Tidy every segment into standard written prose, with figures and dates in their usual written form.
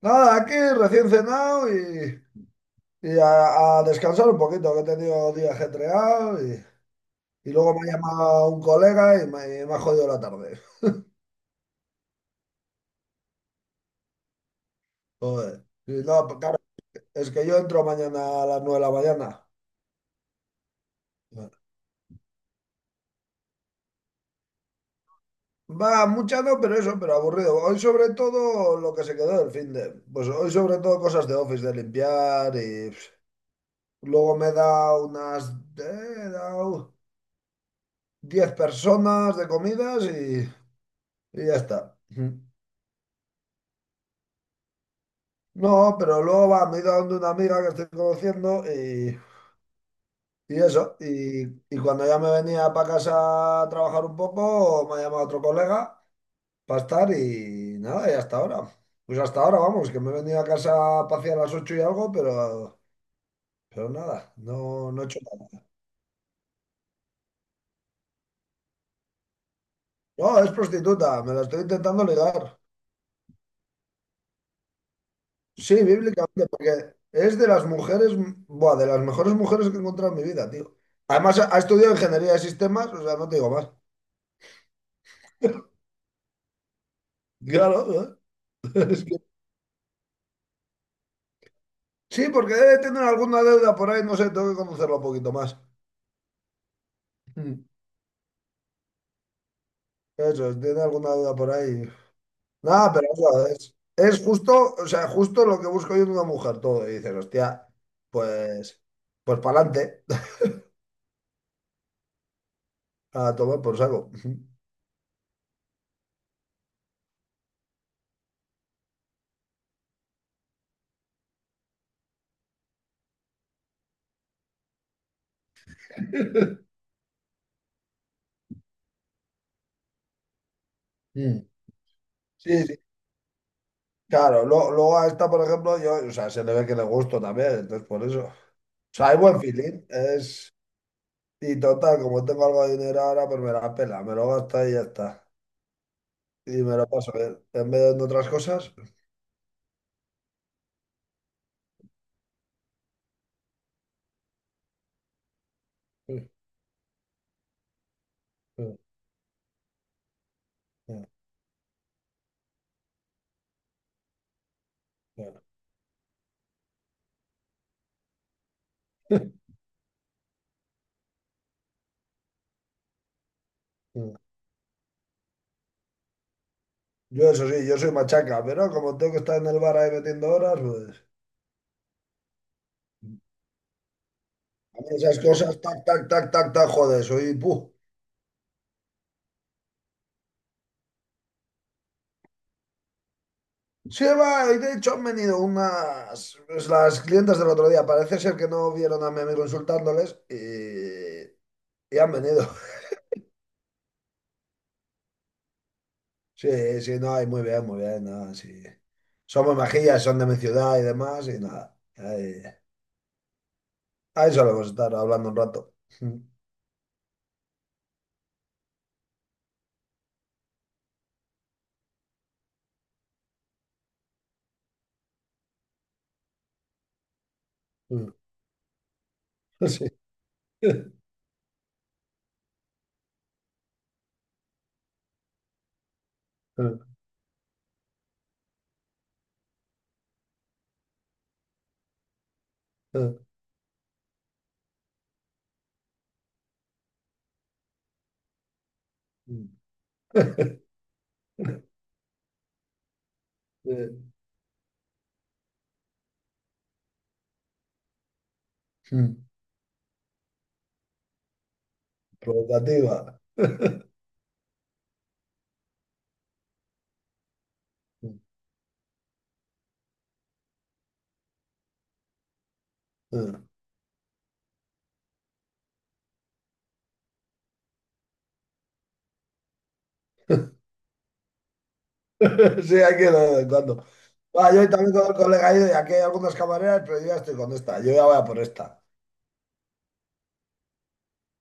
Nada, aquí recién cenado y a descansar un poquito, que he tenido día ajetreado y luego me ha llamado un colega y me ha jodido la tarde. Joder. Y no, pues claro, es que yo entro mañana a las 9 de la mañana. Va, mucha no, pero eso, pero aburrido. Hoy sobre todo lo que se quedó del fin de... Pues hoy sobre todo cosas de office, de limpiar y... Luego me da unas... he dado 10 personas de comidas y, ya está. No, pero luego va, me he ido a donde una amiga que estoy conociendo y eso. Y cuando ya me venía para casa a trabajar un poco, me ha llamado otro colega para estar y nada, y hasta ahora. Pues hasta ahora, vamos, que me he venido a casa a pasear a las 8 y algo, pero nada, no, no he hecho nada. No, es prostituta, me la estoy intentando ligar. Sí, bíblicamente, porque es de las mujeres, buah, de las mejores mujeres que he encontrado en mi vida, tío. Además, ha estudiado ingeniería de sistemas, o sea, no te digo más. Claro, ¿eh? Es que- Sí, porque debe tener alguna deuda por ahí, no sé, tengo que conocerlo un poquito más. Mm. Eso, es, tiene alguna deuda por ahí. Nada, pero eso es justo, o sea, justo lo que busco yo en una mujer, todo. Y dices, hostia, pues, pues para adelante, a tomar por saco. Mm. Sí, sí, claro. Luego a esta, por ejemplo, yo, o sea, se le ve que le gusto también, entonces por eso. O sea, hay buen feeling, es... Y total, como tengo algo de dinero ahora, pues me la pela, me lo gasto y ya está. Y me lo paso bien. En vez de en otras cosas. Yo eso sí, yo soy machaca, pero como tengo que estar en el bar ahí metiendo horas, pues... A mí esas cosas, tac, tac, tac, tac, tac, joder, soy... ¡Puh! Sí, va, y de hecho han venido unas... pues, las clientes del otro día, parece ser que no vieron a mi amigo insultándoles y han venido. Sí, sí, no, y muy bien, nada, sí. Somos majillas, son de mi ciudad y demás, y nada. Ahí. A eso le vamos a estar hablando un rato. Sí. Provocativa. Sí, hay que ir de vez en cuando. Ah, yo también con el colega he ido y aquí hay algunas camareras, pero yo ya estoy con esta. Yo ya voy a por esta.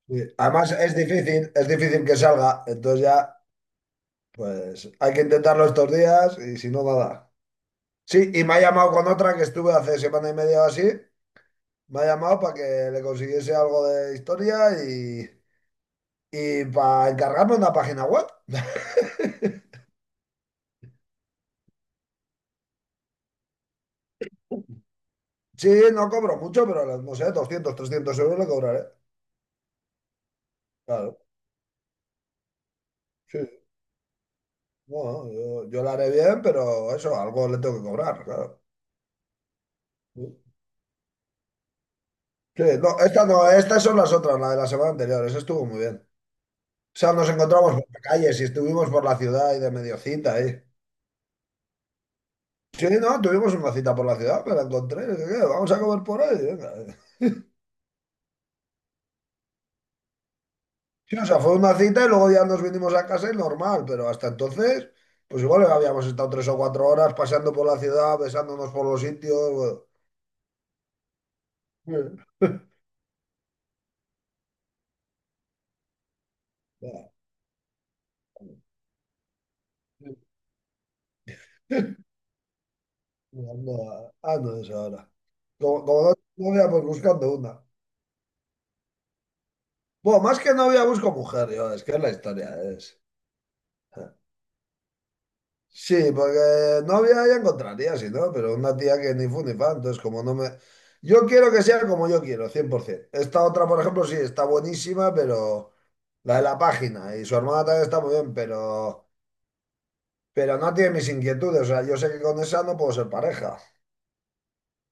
Sí. Además, es difícil que salga. Entonces ya, pues hay que intentarlo estos días y si no, nada. Sí, y me ha llamado con otra que estuve hace semana y media o así. Me ha llamado para que le consiguiese algo de historia y... Y para encargarme una página web. Sí, no cobro mucho, pero no sé, 200 300 euros le cobraré. Claro, sí. Bueno, yo la haré bien, pero eso, algo le tengo que cobrar, claro. Sí, no, esta no, estas son las otras, la de la semana anterior, esa estuvo muy bien. O sea, nos encontramos por la calle, si estuvimos por la ciudad y de medio cita ahí. Sí, no, tuvimos una cita por la ciudad, me la encontré. Y dije, "¿Qué? Vamos a comer por ahí. Venga". Sí, o sea, fue una cita y luego ya nos vinimos a casa y normal, pero hasta entonces, pues igual habíamos estado 3 o 4 horas paseando por la ciudad, besándonos por los sitios. Bueno. Ando de esa hora. Como no tengo novia, pues buscando una. Bueno, más que novia busco mujer, yo, es que es la historia, es. eh. Sí, porque novia ya encontraría, si no, pero una tía que ni fu ni fa, entonces como no me... Yo quiero que sea como yo quiero, 100%. Esta otra, por ejemplo, sí, está buenísima, pero... La de la página. Y su hermana también está muy bien, pero no tiene mis inquietudes. O sea, yo sé que con esa no puedo ser pareja.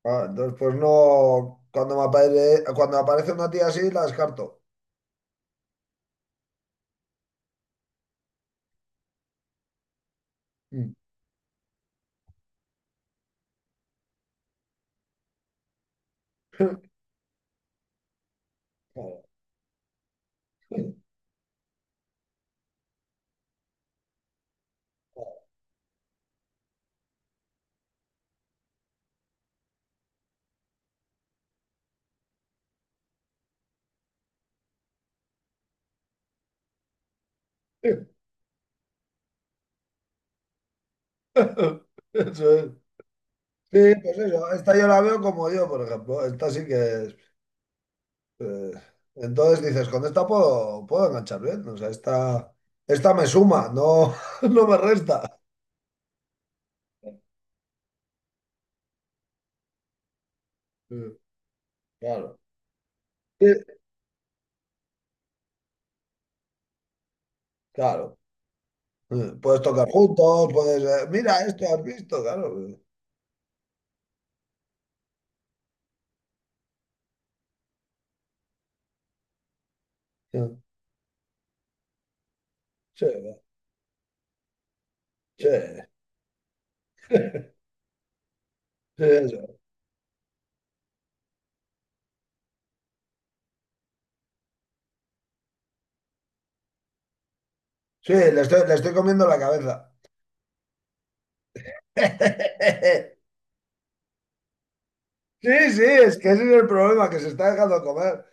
Ah, entonces, pues no. Cuando cuando me aparece una tía así, la descarto. Mm. Eso es. Sí, pues eso. Esta yo la veo como yo, por ejemplo. Esta sí que es. eh, entonces dices, con esta puedo enganchar bien. O sea, esta me suma, no, no me resta. Sí, claro. Sí, claro. Puedes tocar juntos, puedes. Mira, esto has visto, claro. Eh, Sí, sí, sí, eso. Sí, le estoy comiendo la cabeza. Sí, sí, es que ese es el problema, que se está dejando comer.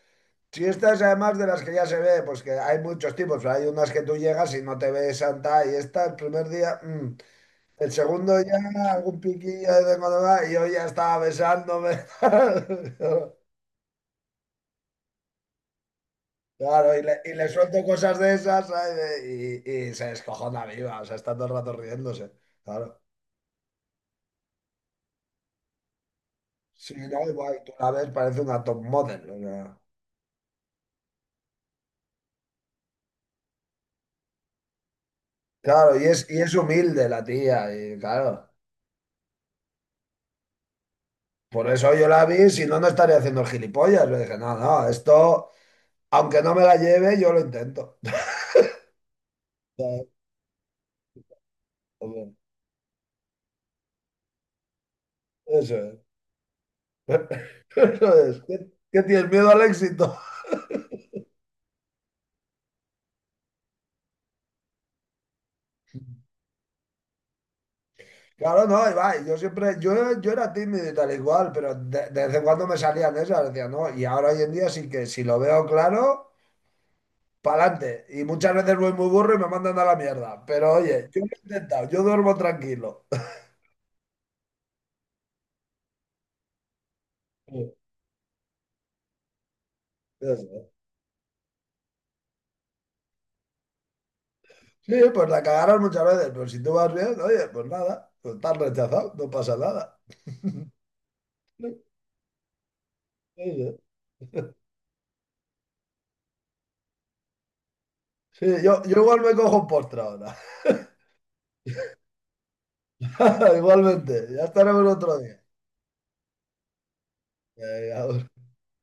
Si estas además de las que ya se ve, pues que hay muchos tipos, hay unas que tú llegas y no te ves santa y esta el primer día, mm. El segundo ya algún piquillo de vez en cuando va y yo ya estaba besándome. Claro, y le suelto cosas de esas, ¿sabes? Y se descojona viva, o sea, está todo el rato riéndose. Claro. Sí, no, igual, tú la ves, parece una top model. O sea. Claro, y es humilde la tía, y claro. Por eso yo la vi, si no, no estaría haciendo el gilipollas. Le dije, no, no, esto, aunque no me la lleve, yo lo intento. Eso es. Eso es. ¿Qué tienes miedo al éxito? Claro, no, y va, yo siempre, yo era tímido y tal igual, pero de vez en cuando me salían esas, decía, no, y ahora hoy en día sí que si lo veo claro, pa'lante. Y muchas veces voy muy burro y me mandan a la mierda, pero oye, yo lo he intentado, yo duermo tranquilo. Sí, eso. Sí, pues la cagaron muchas veces, pero si tú vas bien, oye, pues nada, pues estás rechazado, no pasa nada. Eso. Sí, yo igual me cojo un postre ahora. Igualmente, ya estaremos otro día. Venga,